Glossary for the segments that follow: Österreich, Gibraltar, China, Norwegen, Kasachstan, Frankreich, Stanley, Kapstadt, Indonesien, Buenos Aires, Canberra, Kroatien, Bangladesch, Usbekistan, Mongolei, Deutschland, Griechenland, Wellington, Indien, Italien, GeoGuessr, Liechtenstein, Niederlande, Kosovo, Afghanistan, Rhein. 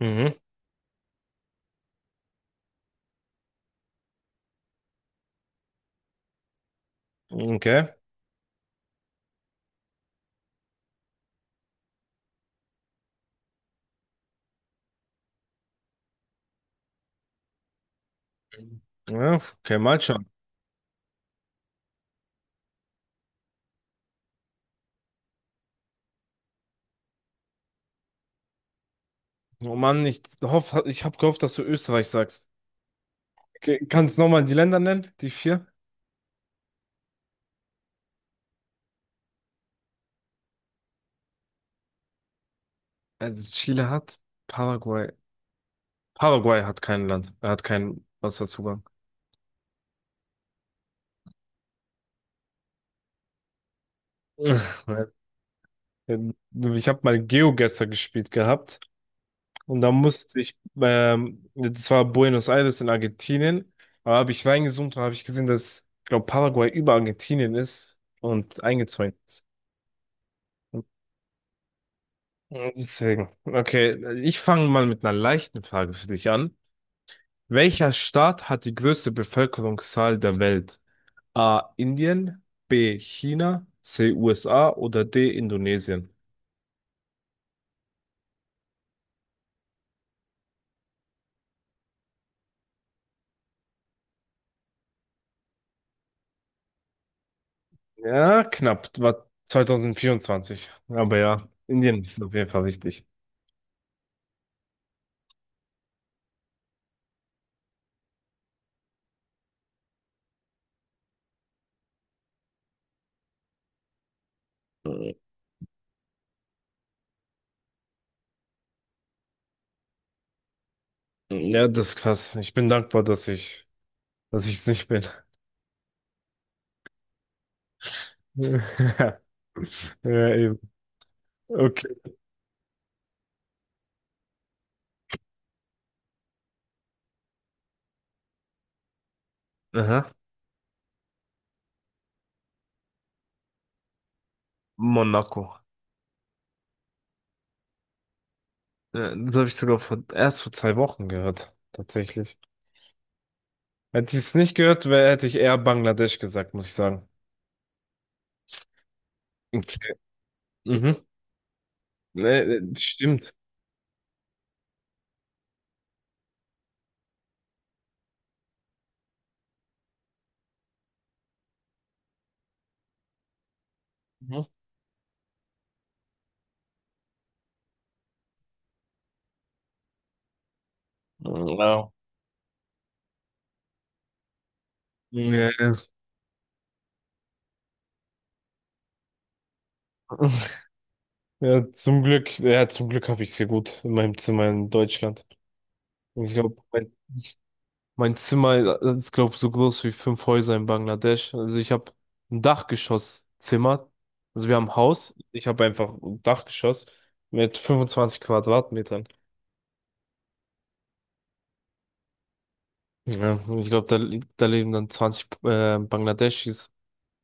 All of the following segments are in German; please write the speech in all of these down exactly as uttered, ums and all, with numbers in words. Mhm. Okay. Ja, okay, mal schauen. Oh Mann, ich hoffe, ich habe gehofft, dass du Österreich sagst. Okay, kannst du nochmal die Länder nennen? Die vier? Also Chile hat Paraguay. Paraguay hat kein Land. Er hat keinen Wasserzugang. Ich habe mal GeoGuessr gespielt gehabt und da musste ich, ähm, das war Buenos Aires in Argentinien, aber habe ich reingezoomt und habe ich gesehen, dass, ich glaube, Paraguay über Argentinien ist und eingezäunt ist. Deswegen. Okay, ich fange mal mit einer leichten Frage für dich an. Welcher Staat hat die größte Bevölkerungszahl der Welt? A. Indien, B. China, C. U S A oder D. Indonesien? Ja, knapp. War zweitausendvierundzwanzig. Aber ja, Indien ist auf jeden Fall wichtig. Ja, das ist krass. Ich bin dankbar, dass ich, dass ich es nicht bin. Ja, eben. Okay. Aha. Monaco. Ja, das habe ich sogar vor, erst vor zwei Wochen gehört, tatsächlich. Hätte ich es nicht gehört, wär, hätte ich eher Bangladesch gesagt, muss ich sagen. Okay. Mhm. Nee, nee, stimmt. Mhm. Ja. Ja, ja. Ja, zum Glück, ja, zum Glück habe ich es hier gut in meinem Zimmer in Deutschland. Ich glaube, mein, mein Zimmer äh, ist, glaube ich, so groß wie fünf Häuser in Bangladesch. Also ich habe ein Dachgeschosszimmer. Also wir haben ein Haus. Ich habe einfach ein Dachgeschoss mit fünfundzwanzig Quadratmetern. Ja, und ich glaube, da, li- da leben dann zwanzig äh, Bangladeschis,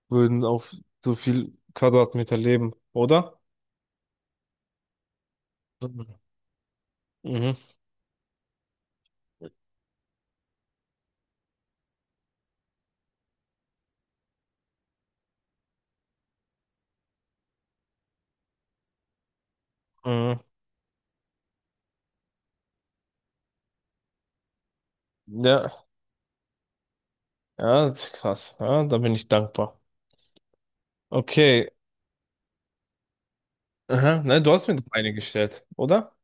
würden auf so viel Quadratmeter leben, oder? Mhm. Mhm. Mhm. Ja, ja, das ist krass. Ja, da bin ich dankbar. Okay. Aha. Nein, du hast mir doch eine gestellt, oder?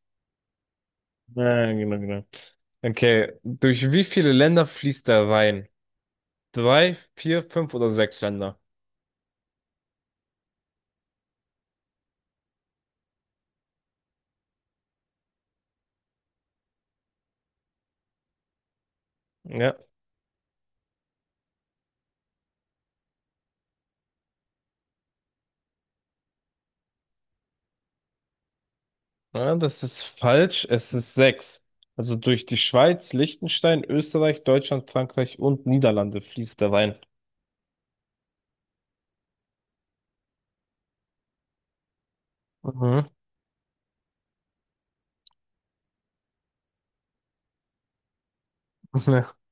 Ja, genau, genau. Okay. Durch wie viele Länder fließt der Rhein? Drei, vier, fünf oder sechs Länder? Ja. Ja, das ist falsch. Es ist sechs. Also durch die Schweiz, Liechtenstein, Österreich, Deutschland, Frankreich und Niederlande fließt der Wein. Mhm.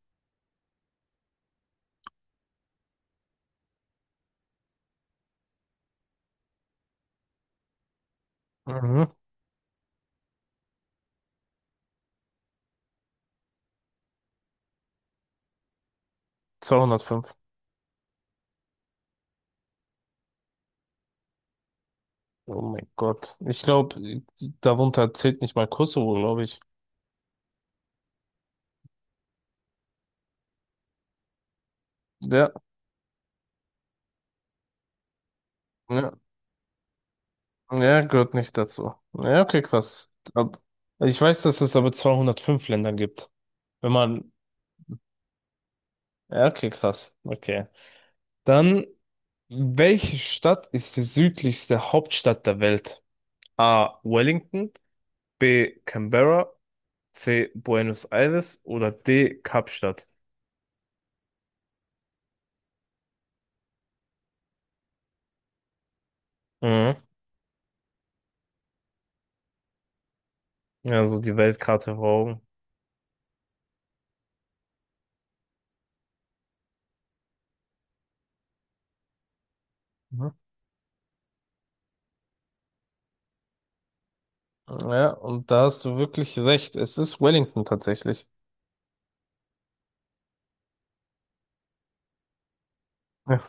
Ja. Mhm. zweihundertfünf. Oh mein Gott. Ich glaube, darunter zählt nicht mal Kosovo, glaube ich. Ja, ja, ja, gehört nicht dazu. Ja, okay, krass. Ab- Ich weiß, dass es aber zweihundertfünf Länder gibt. Wenn man, ja, okay, krass. Okay. Dann, welche Stadt ist die südlichste Hauptstadt der Welt? A. Wellington, B. Canberra, C. Buenos Aires oder D. Kapstadt. Mhm. Also die Weltkarte vor Augen. Mhm. Ja, und da hast du wirklich recht. Es ist Wellington tatsächlich. Ja.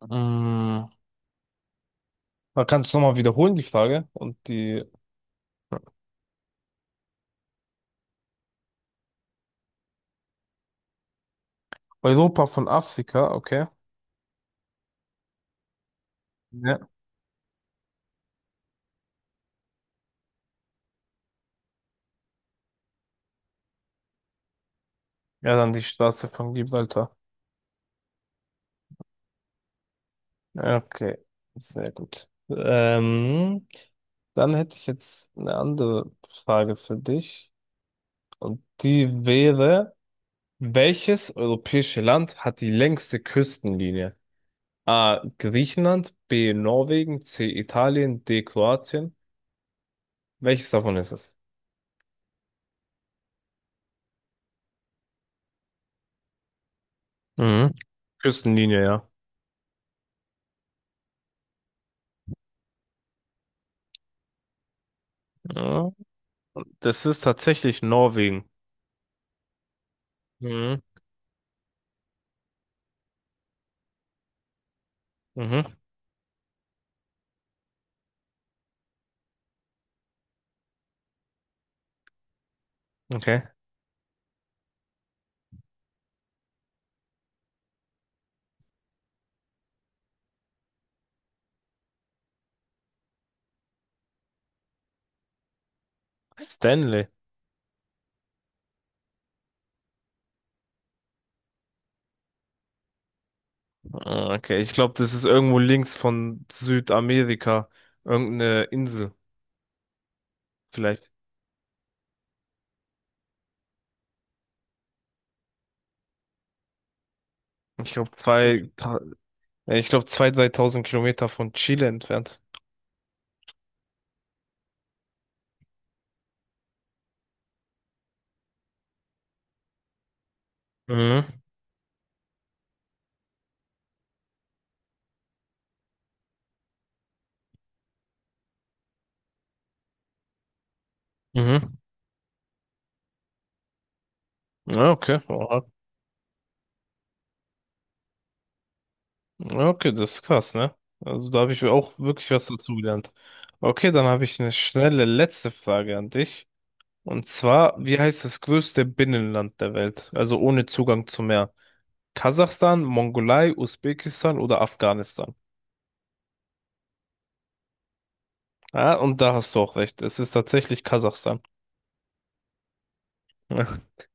Mm, Da kannst du nochmal wiederholen, die Frage. Und die Europa von Afrika, okay. Ja. Ja, dann die Straße von Gibraltar. Okay, sehr gut. Ähm, dann hätte ich jetzt eine andere Frage für dich. Und die wäre, welches europäische Land hat die längste Küstenlinie? A. Griechenland, B. Norwegen, C. Italien, D. Kroatien. Welches davon ist es? Mhm. Küstenlinie, ja. Ja. Das ist tatsächlich Norwegen. Mhm. Mhm. Okay. Stanley. Ah, okay, ich glaube, das ist irgendwo links von Südamerika. Irgendeine Insel, vielleicht. Ich glaube, zwei, ta- äh, ich glaube, zwei, dreitausend Kilometer von Chile entfernt. Mhm. Mhm. Ja, okay. Ja, okay, das ist krass, ne? Also da habe ich auch wirklich was dazugelernt. Okay, dann habe ich eine schnelle letzte Frage an dich. Und zwar, wie heißt das größte Binnenland der Welt? Also ohne Zugang zum Meer. Kasachstan, Mongolei, Usbekistan oder Afghanistan? Ah, und da hast du auch recht. Es ist tatsächlich Kasachstan.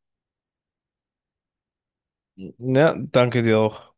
Ja, danke dir auch.